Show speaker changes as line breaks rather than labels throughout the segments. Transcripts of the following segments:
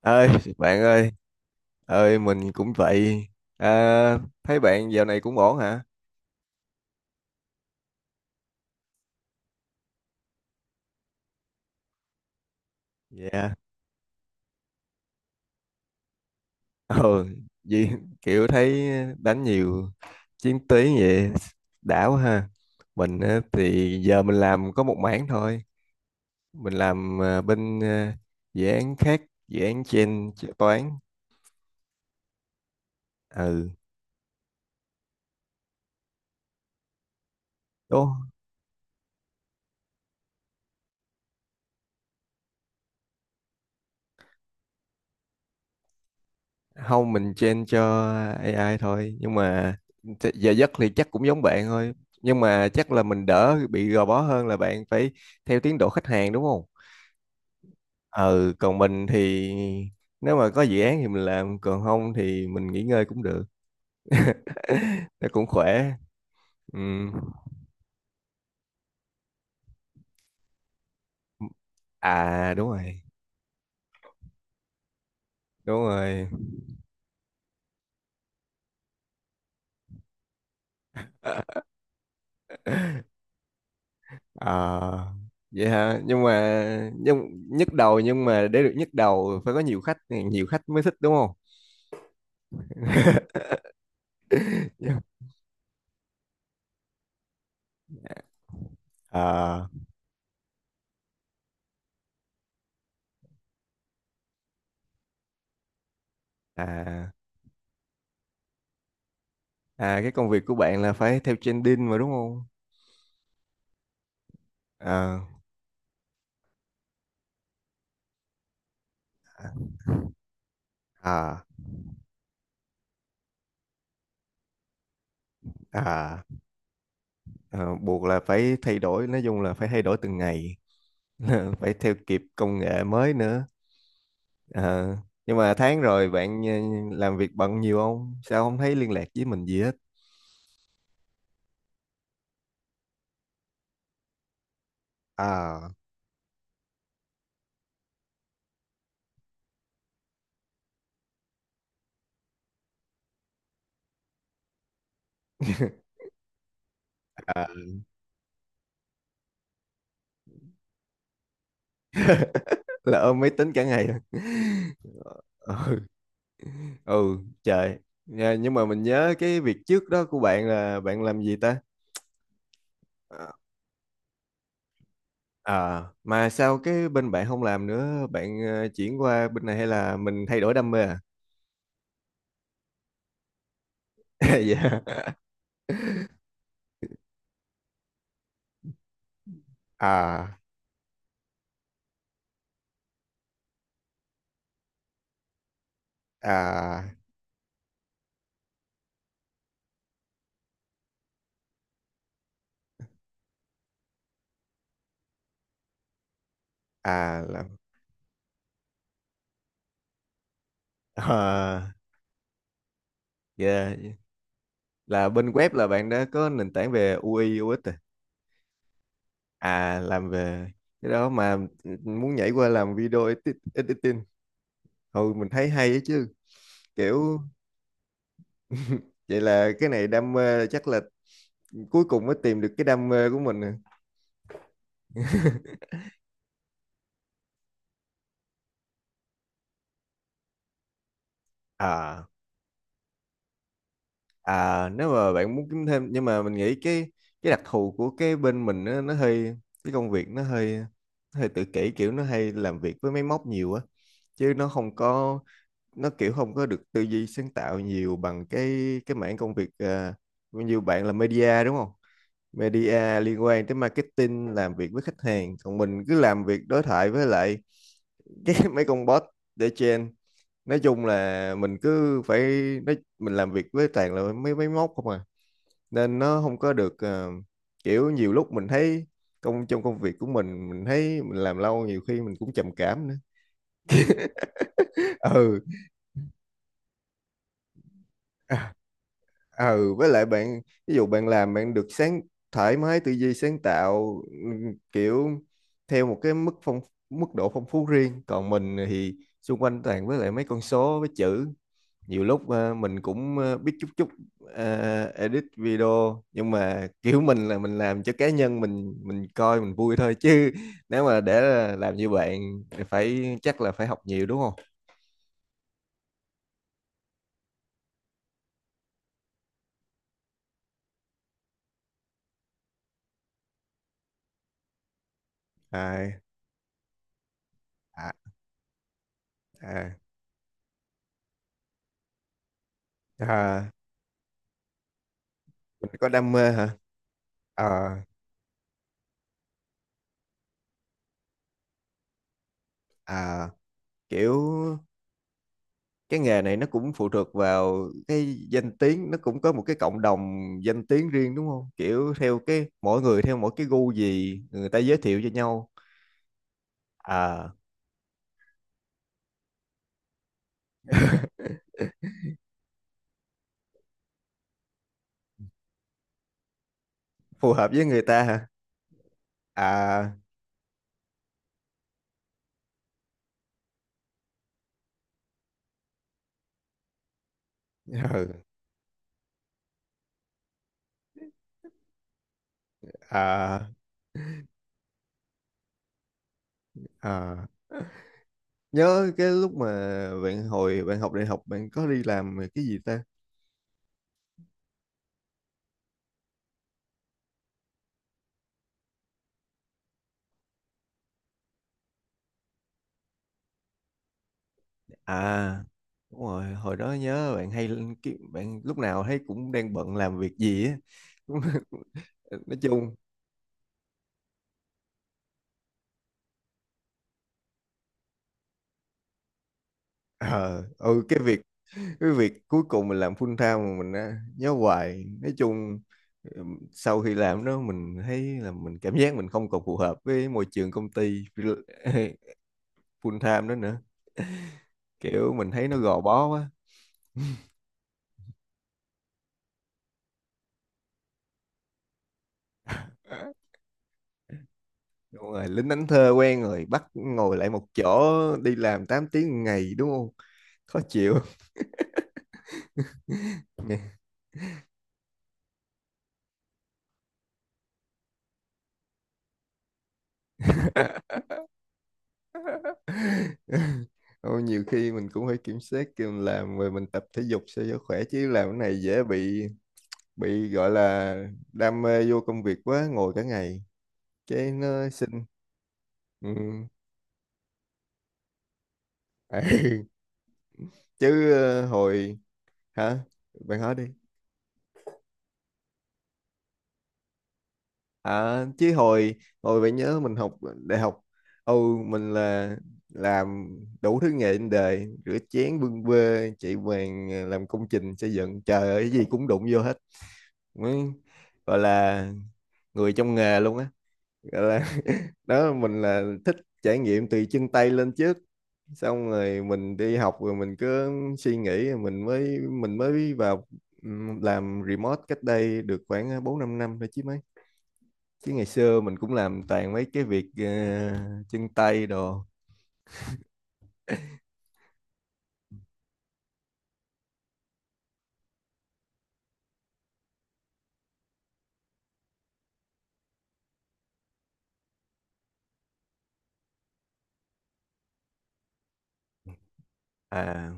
Ơi. Bạn ơi. Ơi mình cũng vậy. À, thấy bạn giờ này cũng ổn hả? Dạ. Ừ, vì kiểu thấy đánh nhiều chiến tuyến vậy, đã quá ha. Mình á, thì giờ mình làm có một mảng thôi. Mình làm à, bên à, dự án khác, dự án trên toán. Ừ. Đúng. Không, mình train cho AI thôi, nhưng mà giờ giấc thì chắc cũng giống bạn thôi, nhưng mà chắc là mình đỡ bị gò bó hơn là bạn phải theo tiến độ khách hàng, đúng không? Ừ, còn mình thì nếu mà có dự án thì mình làm, còn không thì mình nghỉ ngơi cũng được. Nó cũng khỏe. Ừ. À, đúng rồi. Đúng rồi. Ờ, vậy hả? Nhưng mà nhức đầu, nhưng mà để được nhức đầu phải có nhiều khách, nhiều khách mới thích, đúng không? Nhưng... Ờ. À. À, cái công việc của bạn là phải theo trending mà, đúng không? Ờ. À. à ờ, Buộc là phải thay đổi, nói chung là phải thay đổi từng ngày. Phải theo kịp công nghệ mới nữa. Ờ, nhưng mà tháng rồi bạn làm việc bận nhiều không? Sao không thấy liên lạc với mình gì hết? À. À, là ôm máy tính cả ngày. Ừ. Ừ, trời. Dạ, nhưng mà mình nhớ cái việc trước đó của bạn là bạn làm gì ta? Ờ. À, mà sao cái bên bạn không làm nữa, bạn chuyển qua bên này hay là mình thay đổi đam mê à? Dạ. À. À. À, là. À. Dạ. Là bên web là bạn đã có nền tảng về UI, UX rồi. À. À, làm về cái đó mà. Ừ, muốn nhảy qua làm video editing. Hồi mình thấy hay ấy chứ, kiểu... vậy là cái này đam mê, chắc là cuối cùng mới tìm được cái đam mê của mình. À. À, nếu mà bạn muốn kiếm thêm, nhưng mà mình nghĩ cái đặc thù của cái bên mình, nó hơi... cái công việc nó hơi, nó hơi tự kỷ, kiểu nó hay làm việc với máy móc nhiều á, chứ nó không có, nó kiểu không có được tư duy sáng tạo nhiều bằng cái mảng công việc à, nhiều bạn là media, đúng không? Media liên quan tới marketing, làm việc với khách hàng, còn mình cứ làm việc đối thoại với lại cái mấy con bot để trên. Nói chung là mình cứ phải nói, mình làm việc với toàn là mấy máy móc không à, nên nó không có được kiểu... Nhiều lúc mình thấy trong công việc của mình thấy mình làm lâu nhiều khi mình cũng trầm cảm nữa. Ừ. À. Ừ, với lại bạn, ví dụ bạn làm bạn được sáng thoải mái tư duy sáng tạo, kiểu theo một cái mức độ phong phú riêng, còn mình thì xung quanh toàn với lại mấy con số với chữ. Nhiều lúc mình cũng biết chút chút edit video, nhưng mà kiểu mình là mình làm cho cá nhân mình coi mình vui thôi chứ, nếu mà để là làm như bạn thì phải, chắc là phải học nhiều, đúng không? À. À. À. À, mình có đam mê hả? À. À, kiểu cái nghề này nó cũng phụ thuộc vào cái danh tiếng, nó cũng có một cái cộng đồng danh tiếng riêng, đúng không? Kiểu theo cái mỗi người, theo mỗi cái gu gì, người ta giới thiệu cho nhau. À, phù hợp với người ta hả? À. Ừ. À. À, nhớ cái lúc mà bạn, hồi bạn học đại học bạn có đi làm cái gì ta? À, đúng rồi, hồi đó nhớ bạn hay lên bạn lúc nào thấy cũng đang bận làm việc gì á. Nói chung... ờ ừ, cái việc, cái việc cuối cùng mình làm full time mà mình á, nhớ hoài. Nói chung sau khi làm đó mình thấy là mình cảm giác mình không còn phù hợp với môi trường công ty full time đó nữa, kiểu mình thấy nó gò bó quá. Đúng rồi, lính đánh thuê quen rồi bắt ngồi lại một chỗ đi làm 8 tiếng một ngày, đúng không? Khó chịu. Ôi, nhiều khi mình cũng phải kiểm soát, khi mình làm rồi mình tập thể dục sao cho khỏe, chứ làm cái này dễ bị gọi là đam mê vô công việc quá, ngồi cả ngày cái nó sinh. Ừ. Chứ hồi... hả? Bạn hỏi đi. À, chứ hồi, bạn nhớ mình học đại học, ừ, mình là làm đủ thứ nghề trên đời: rửa chén, bưng bê, chạy vàng, làm công trình xây dựng, trời ơi cái gì cũng đụng vô hết, mới gọi là người trong nghề luôn á, gọi là đó. Mình là thích trải nghiệm từ chân tay lên trước, xong rồi mình đi học rồi mình cứ suy nghĩ, rồi mình mới vào. Ừ, làm remote cách đây được khoảng 4-5 năm thôi chứ mấy, chứ ngày xưa mình cũng làm toàn mấy cái việc chân tay đồ. À.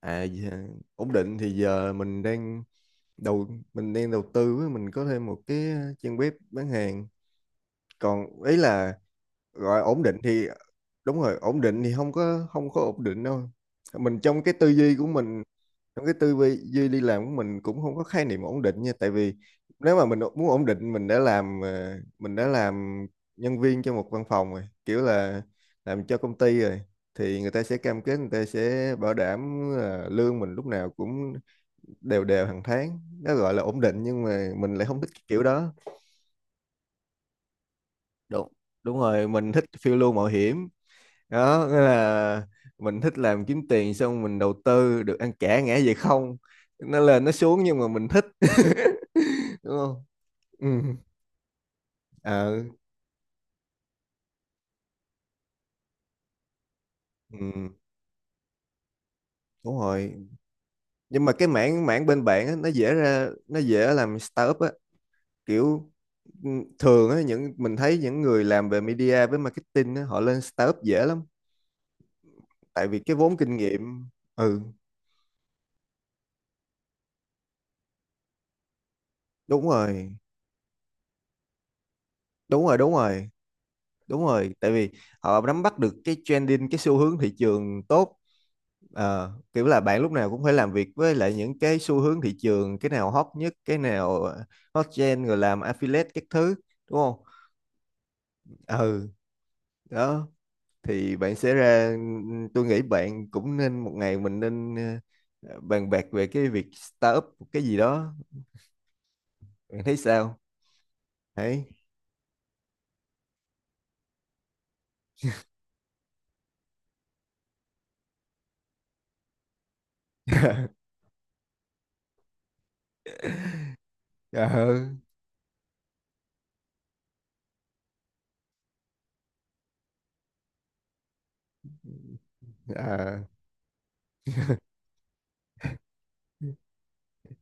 à giờ- Ổn định thì giờ mình đang đầu đầu tư á, mình có thêm một cái trang web bán hàng. Còn ấy là, gọi ổn định thì, đúng rồi, ổn định thì không có, không có ổn định đâu. Mình trong cái tư duy của mình, trong cái tư duy duy đi làm của mình cũng không có khái niệm ổn định nha, tại vì nếu mà mình muốn ổn định, mình đã làm nhân viên cho một văn phòng rồi, kiểu là làm cho công ty rồi, thì người ta sẽ cam kết, người ta sẽ bảo đảm là lương mình lúc nào cũng đều đều hàng tháng, nó gọi là ổn định, nhưng mà mình lại không thích cái kiểu đó. Đúng. Đúng rồi, mình thích phiêu lưu mạo hiểm. Đó, nghĩa là mình thích làm kiếm tiền xong mình đầu tư, được ăn cả ngã về không, nó lên nó xuống nhưng mà mình thích. Đúng không? Ừ. ờ ừ. Đúng rồi, nhưng mà cái mảng mảng bên bạn á, nó dễ làm startup á, kiểu... Ừ, thường á, mình thấy những người làm về media với marketing á, họ lên startup dễ lắm, tại vì cái vốn kinh nghiệm. Ừ. Đúng rồi. Đúng rồi. Đúng rồi. Đúng rồi, tại vì họ nắm bắt được cái trending, cái xu hướng thị trường tốt. Ờ, kiểu là bạn lúc nào cũng phải làm việc với lại những cái xu hướng thị trường, cái nào hot nhất, cái nào hot trend rồi làm affiliate các thứ, đúng không? Ừ. Đó, thì bạn sẽ ra, tôi nghĩ bạn cũng nên, một ngày mình nên bàn bạc về cái việc startup cái gì đó, bạn thấy sao? Đấy. Ờ. Ờ.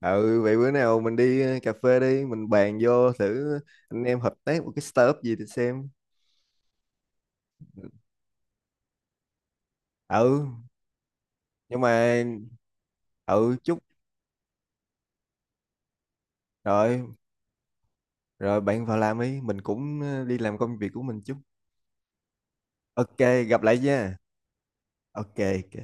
Ừ, vậy bữa nào mình đi cà phê đi, mình bàn vô thử, anh em hợp tác một cái startup gì thì xem. Ừ, nhưng mà... ừ chút. Rồi. Rồi, bạn vào làm đi, mình cũng đi làm công việc của mình chút. Ok. Gặp lại nha. Ok. Ok.